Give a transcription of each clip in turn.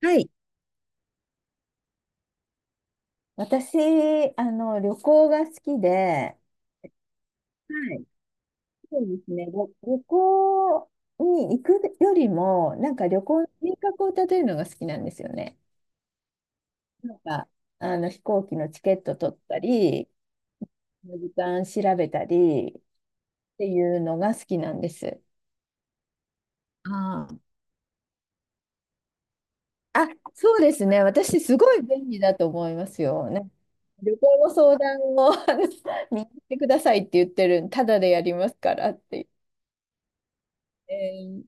はい。私、旅行が好きで、はい。そうですね、旅行に行くよりも、なんか旅行の計画を立てるのが好きなんですよね。なんか、飛行機のチケット取ったり、時間調べたりっていうのが好きなんです。ああ、そうですね。私、すごい便利だと思いますよ。ね、旅行の相談を見に行ってくださいって言ってる、ただでやりますからって言って。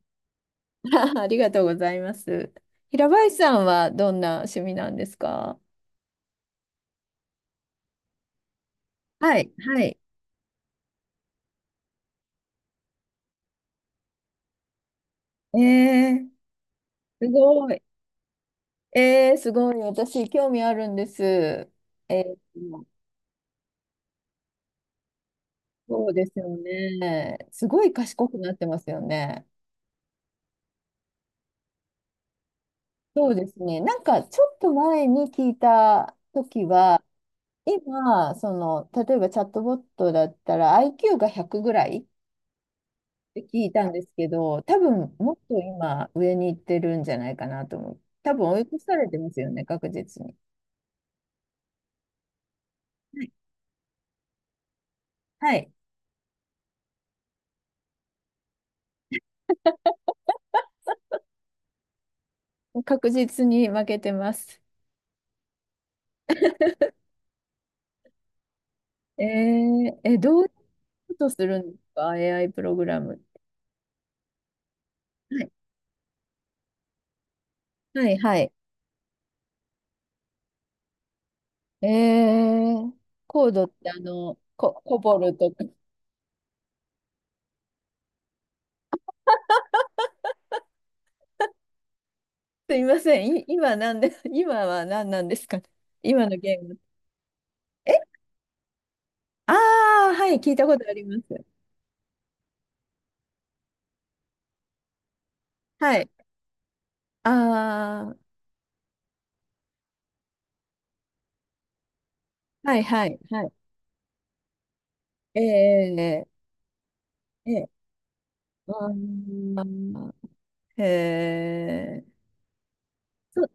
ありがとうございます。平林さんはどんな趣味なんですか？はい、はい。えー、すごい。えー、すごい。私、興味あるんです。えー、そうですよね。すごい賢くなってますよね。そうですね。なんか、ちょっと前に聞いた時は、今、例えばチャットボットだったら IQ が100ぐらいって聞いたんですけど、多分もっと今上に行ってるんじゃないかなと思う。多分追い越されてますよね、確実に。はい。はい、確実に負けてます。えー、どういうことするんですか？ AI プログラム、はいはい。はい、えー、コードってコボルとか。すいません。今なんで、今は何なんですかね。今のゲーム。え、ああ、はい、聞いたことあります。はい。ああ、はいはいはい。ええ、ええ、あー、へえ。そう、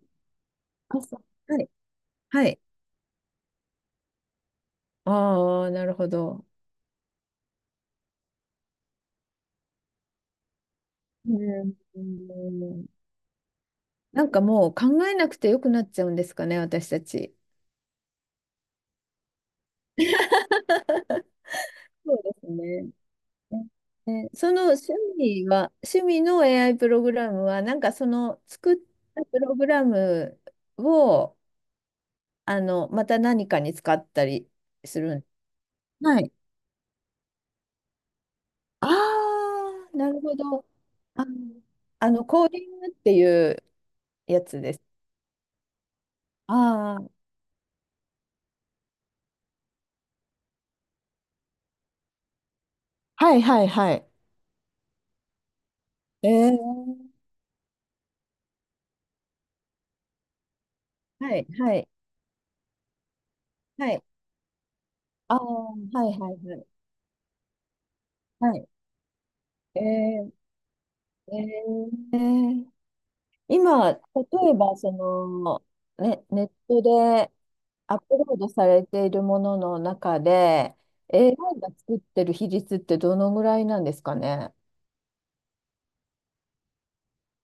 そう。はい。はい。ああ、なるほど。うん。うん、なんかもう考えなくてよくなっちゃうんですかね、私たち。そうですね。その趣味は、趣味の AI プログラムは、なんかその作ったプログラムを、また何かに使ったりするん。はい。ああ、なるほど。あの、コーディングっていうやつです。ああ、はいはいはい。ええはい、はい、はい。ああ、はい、はい、はい。はい。ええええええ。今、例えば、ね、ネットでアップロードされているものの中で、AI が作ってる比率ってどのぐらいなんですかね。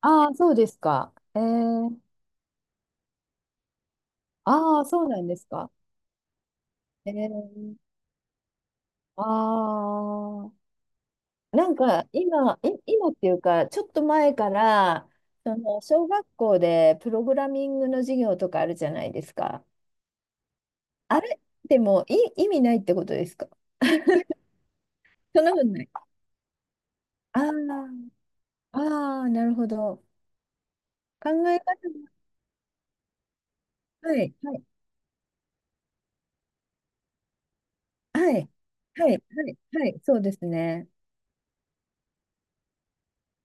ああ、そうですか。ああ、そうなんですか。えー、ああ、なんか今、今っていうか、ちょっと前から、その小学校でプログラミングの授業とかあるじゃないですか。あれでも意味ないってことですか？ そんなことない。ああ、ああ、なるほど。考え方が、はい、はい、はい、はい、はい、はい、そうですね。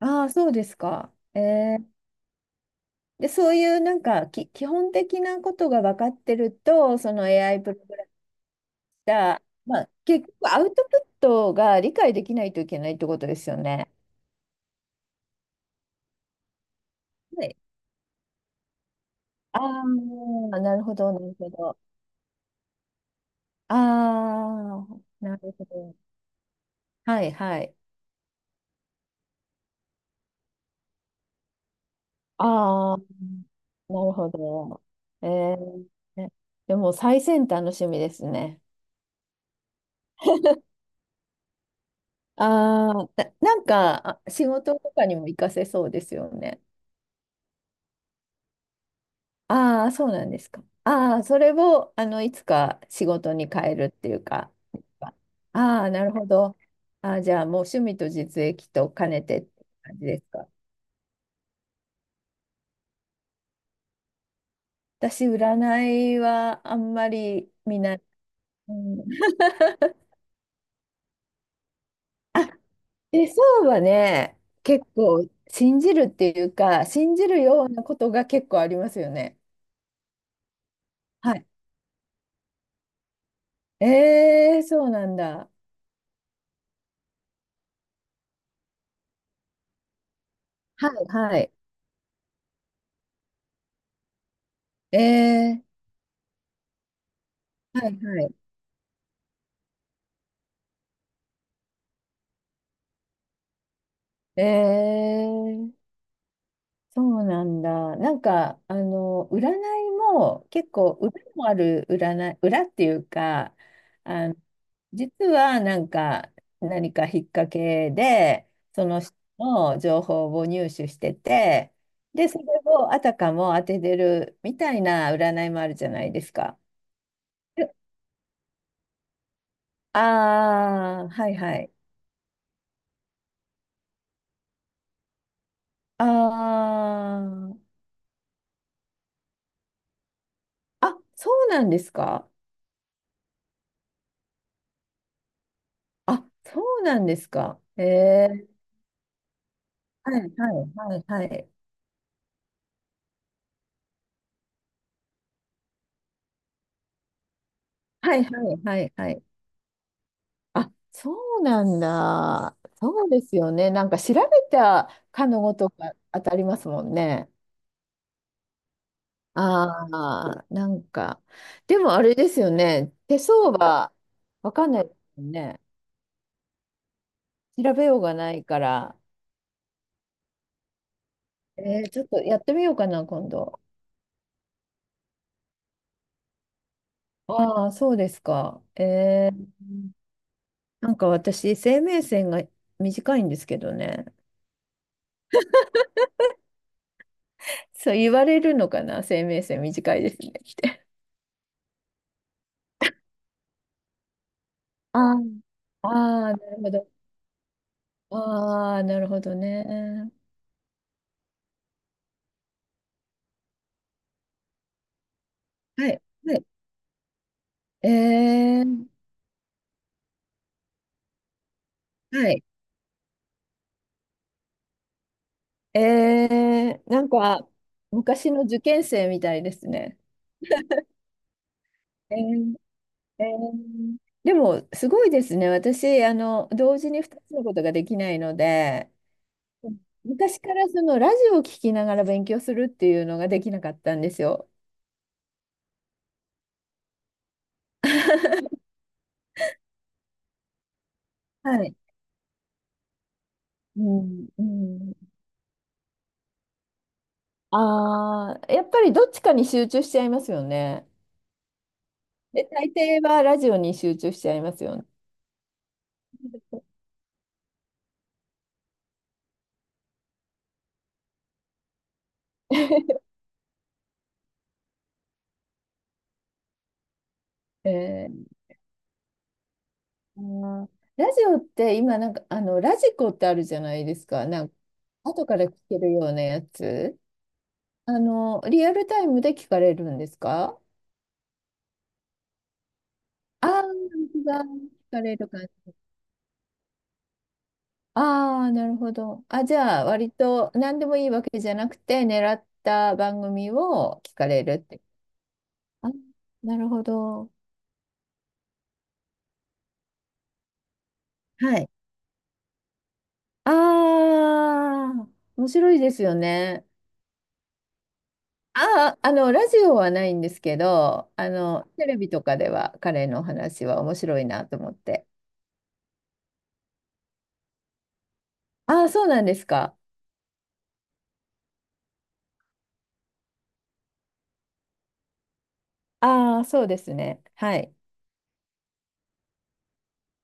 ああ、そうですか。えー、で、そういうなんか基本的なことが分かってると、その AI プログラた、まあ、結局アウトプットが理解できないといけないってことですよね。はい。ああ、なるほど、なるほど。ああ、なるほど。はい、はい。ああ、なるほど。えー、ね、でも最先端の趣味ですね。ああ、なんかあ仕事とかにも活かせそうですよね。ああ、そうなんですか。ああ、それを、いつか仕事に変えるっていうか。ああ、なるほど。ああ、じゃあ、もう趣味と実益と兼ねてって感じですか？私、占いはあんまり見ない。うん、あ、手相はね、結構信じるっていうか、信じるようなことが結構ありますよね。はい。えー、そうなんだ。はい、はい。えー、はい、はい。えー。そうなんだ。なんか、占いも結構裏もある占い、裏っていうか、あの、実はなんか何か引っ掛けで、その人の情報を入手してて、で、それをあたかも当ててるみたいな占いもあるじゃないですか。ああー、はいはい。あー、そうなんですか？あ、そうなんですか？えー、はいはいはいはい。はいはいはいはい。あ、そうなんだ。そうですよね。なんか調べたかのごとく当たりますもんね。ああ、なんか。でもあれですよね。手相はわかんないですよね。調べようがないから。ちょっとやってみようかな、今度。ああ、そうですか。ーなんか私、生命線が短いんですけどね。そう言われるのかな、生命線短いですねって。ああ、ああ、なるほど。ああ、なるほどね。はい、はい。えー、はい。えー、なんか、昔の受験生みたいですね。えー、えー、でも、すごいですね。私、同時に2つのことができないので、昔からそのラジオを聞きながら勉強するっていうのができなかったんですよ。はい。うん、うん。ああ、やっぱりどっちかに集中しちゃいますよね。で、大抵はラジオに集中しちゃいますよね。えー、あー、ラジオって今なんかあのラジコってあるじゃないですか。なんか後から聞けるようなやつ。リアルタイムで聞かれるんですか？ああー、録聞かれる感じ。ああ、なるほど。あ、じゃあ割と何でもいいわけじゃなくて狙った番組を聞かれるって。あ、なるほど。はい。ああ、面白いですよね。ああ、ラジオはないんですけど、テレビとかでは彼の話は面白いなと思って。ああ、そうなんですか。ああ、そうですね。はい。